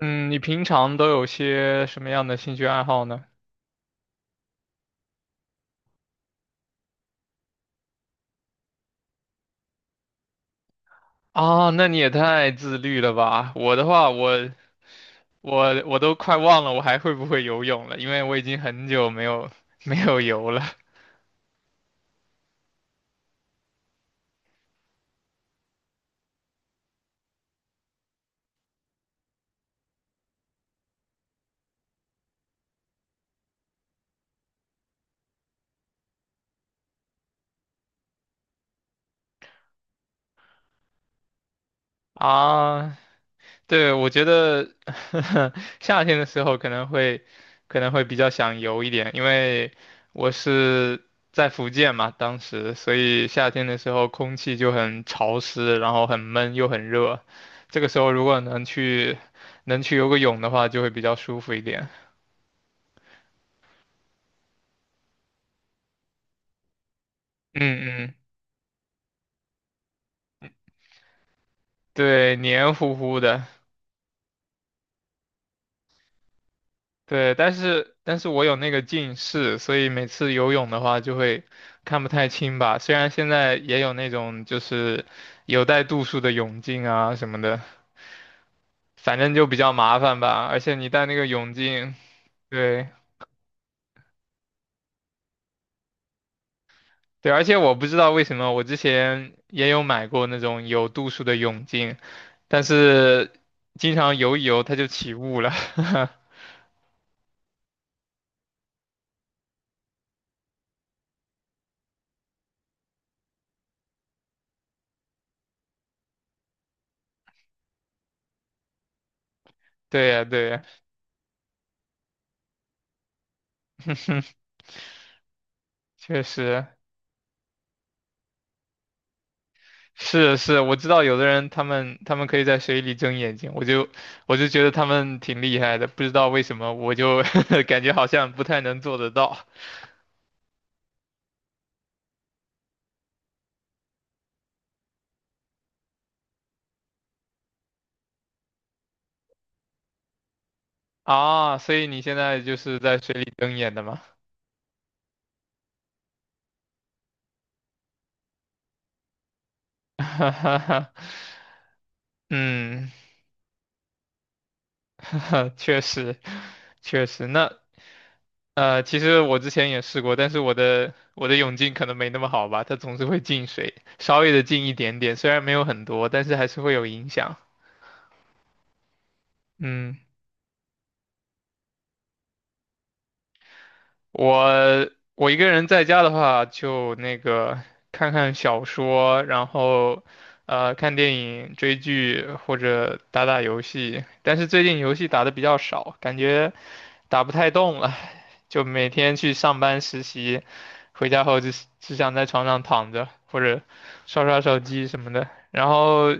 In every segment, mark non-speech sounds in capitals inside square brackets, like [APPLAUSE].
嗯，你平常都有些什么样的兴趣爱好呢？啊，那你也太自律了吧！我的话，我都快忘了我还会不会游泳了，因为我已经很久没有 [LAUGHS] 没有游了啊。对，我觉得 [LAUGHS] 夏天的时候可能会比较想游一点，因为我是在福建嘛，当时，所以夏天的时候空气就很潮湿，然后很闷又很热。这个时候如果能去游个泳的话，就会比较舒服一点。嗯嗯，对，黏糊糊的。对，但是我有那个近视，所以每次游泳的话就会看不太清吧。虽然现在也有那种就是有带度数的泳镜啊什么的，反正就比较麻烦吧。而且你戴那个泳镜，对对，而且我不知道为什么我之前也有买过那种有度数的泳镜，但是经常游一游它就起雾了。[LAUGHS] 对呀对呀，[LAUGHS] 确实。是是，我知道有的人他们可以在水里睁眼睛，我就觉得他们挺厉害的，不知道为什么我就 [LAUGHS] 感觉好像不太能做得到啊。所以你现在就是在水里睁眼的吗？[LAUGHS] 哈哈哈嗯，[LAUGHS] 确实确实。那其实我之前也试过，但是我的泳镜可能没那么好吧，它总是会进水，稍微的进一点点，虽然没有很多，但是还是会有影响。嗯。我我一个人在家的话，就那个看看小说，然后看电影、追剧或者打打游戏。但是最近游戏打的比较少，感觉打不太动了，就每天去上班实习，回家后就只想在床上躺着或者刷刷手机什么的。然后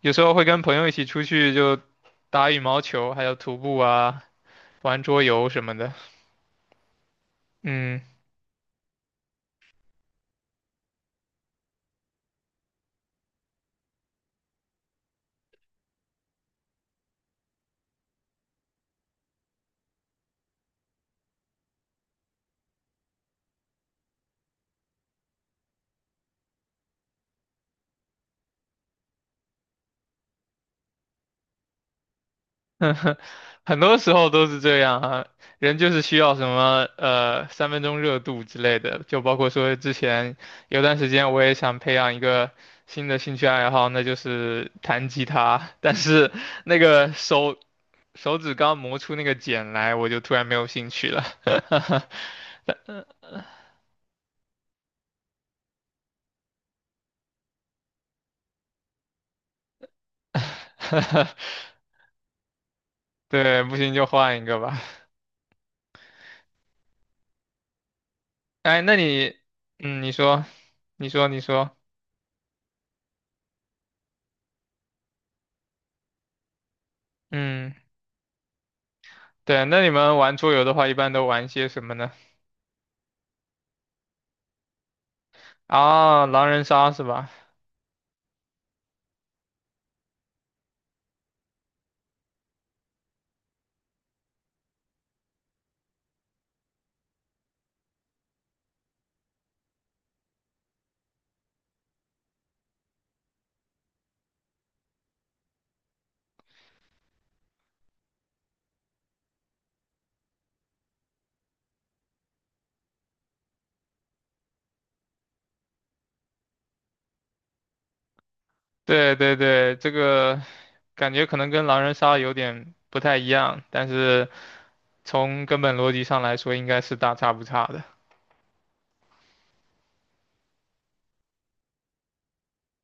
有时候会跟朋友一起出去就打羽毛球，还有徒步啊，玩桌游什么的。嗯。[LAUGHS] 很多时候都是这样啊，人就是需要什么三分钟热度之类的，就包括说之前有段时间我也想培养一个新的兴趣爱好，那就是弹吉他，[LAUGHS] 但是那个手手指刚磨出那个茧来，我就突然没有兴趣了。[LAUGHS] 对，不行就换一个吧。哎，那你，嗯，你说，你说，嗯。对，那你们玩桌游的话，一般都玩些什么呢？啊，狼人杀是吧？对对对，这个感觉可能跟狼人杀有点不太一样，但是从根本逻辑上来说，应该是大差不差的。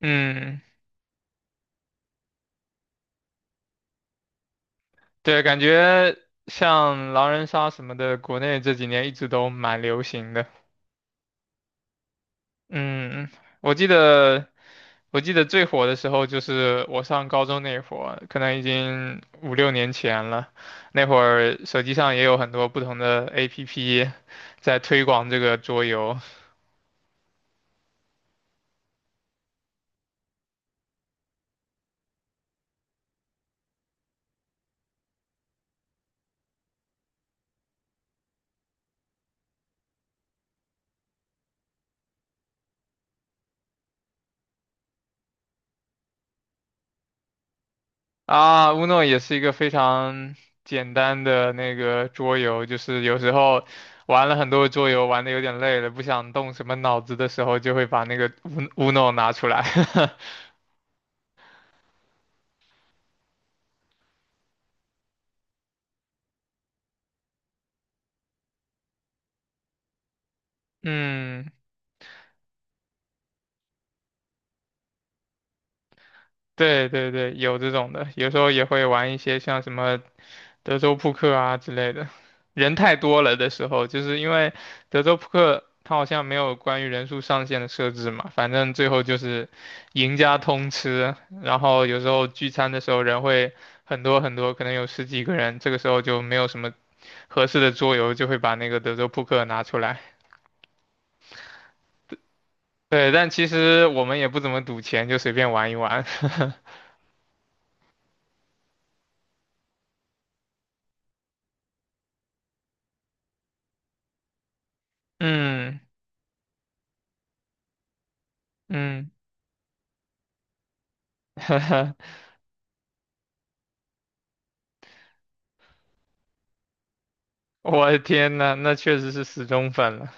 嗯，对，感觉像狼人杀什么的，国内这几年一直都蛮流行的。嗯，我记得我记得最火的时候就是我上高中那会儿，可能已经五六年前了。那会儿手机上也有很多不同的 APP 在推广这个桌游啊，Uno 也是一个非常简单的那个桌游，就是有时候玩了很多桌游，玩的有点累了，不想动什么脑子的时候，就会把那个 Uno 拿出来。[LAUGHS] 嗯，对对对，有这种的，有时候也会玩一些像什么德州扑克啊之类的。人太多了的时候，就是因为德州扑克它好像没有关于人数上限的设置嘛，反正最后就是赢家通吃。然后有时候聚餐的时候人会很多很多，可能有十几个人，这个时候就没有什么合适的桌游，就会把那个德州扑克拿出来。对，但其实我们也不怎么赌钱，就随便玩一玩。[LAUGHS] 嗯嗯。[LAUGHS] 我的天呐，那确实是死忠粉了。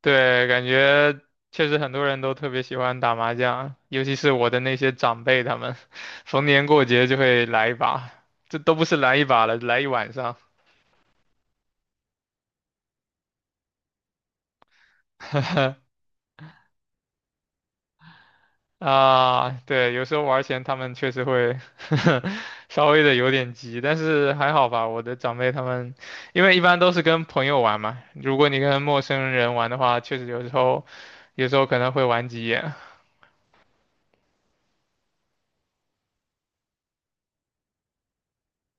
对，感觉确实很多人都特别喜欢打麻将，尤其是我的那些长辈，他们 [LAUGHS] 逢年过节就会来一把，这都不是来一把了，来一晚上。[LAUGHS] 啊，对，有时候玩儿钱他们确实会 [LAUGHS] 稍微的有点急，但是还好吧。我的长辈他们，因为一般都是跟朋友玩嘛，如果你跟陌生人玩的话，确实有时候可能会玩急眼。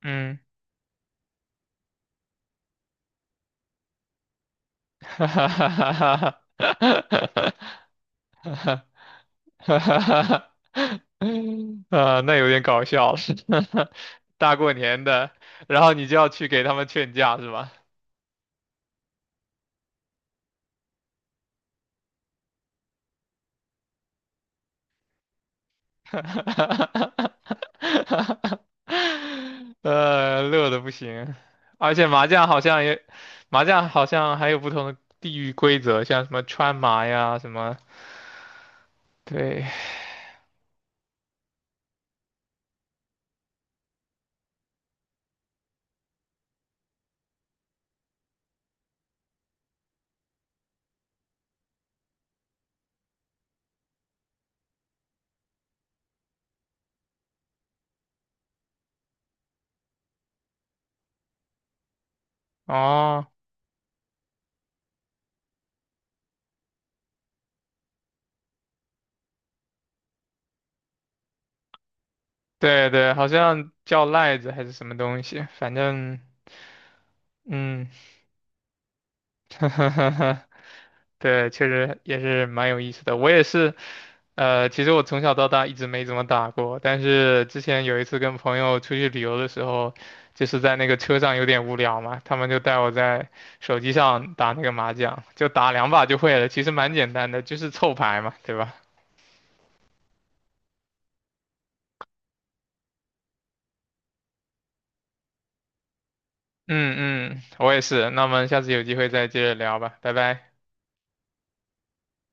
嗯。[LAUGHS] 哈哈哈哈哈哈哈哈哈哈！[LAUGHS] 啊，那有点搞笑了，[LAUGHS] 大过年的，然后你就要去给他们劝架是吧？[LAUGHS] 哈哈哈哈哈乐的不行，而且麻将好像也，麻将好像还有不同的地域规则，像什么川麻呀，什么，对，哦，对对，好像叫赖子还是什么东西，反正，嗯，[LAUGHS] 对，确实也是蛮有意思的。我也是，其实我从小到大一直没怎么打过，但是之前有一次跟朋友出去旅游的时候，就是在那个车上有点无聊嘛，他们就带我在手机上打那个麻将，就打两把就会了，其实蛮简单的，就是凑牌嘛，对吧？嗯嗯，我也是。那我们下次有机会再接着聊吧，拜拜。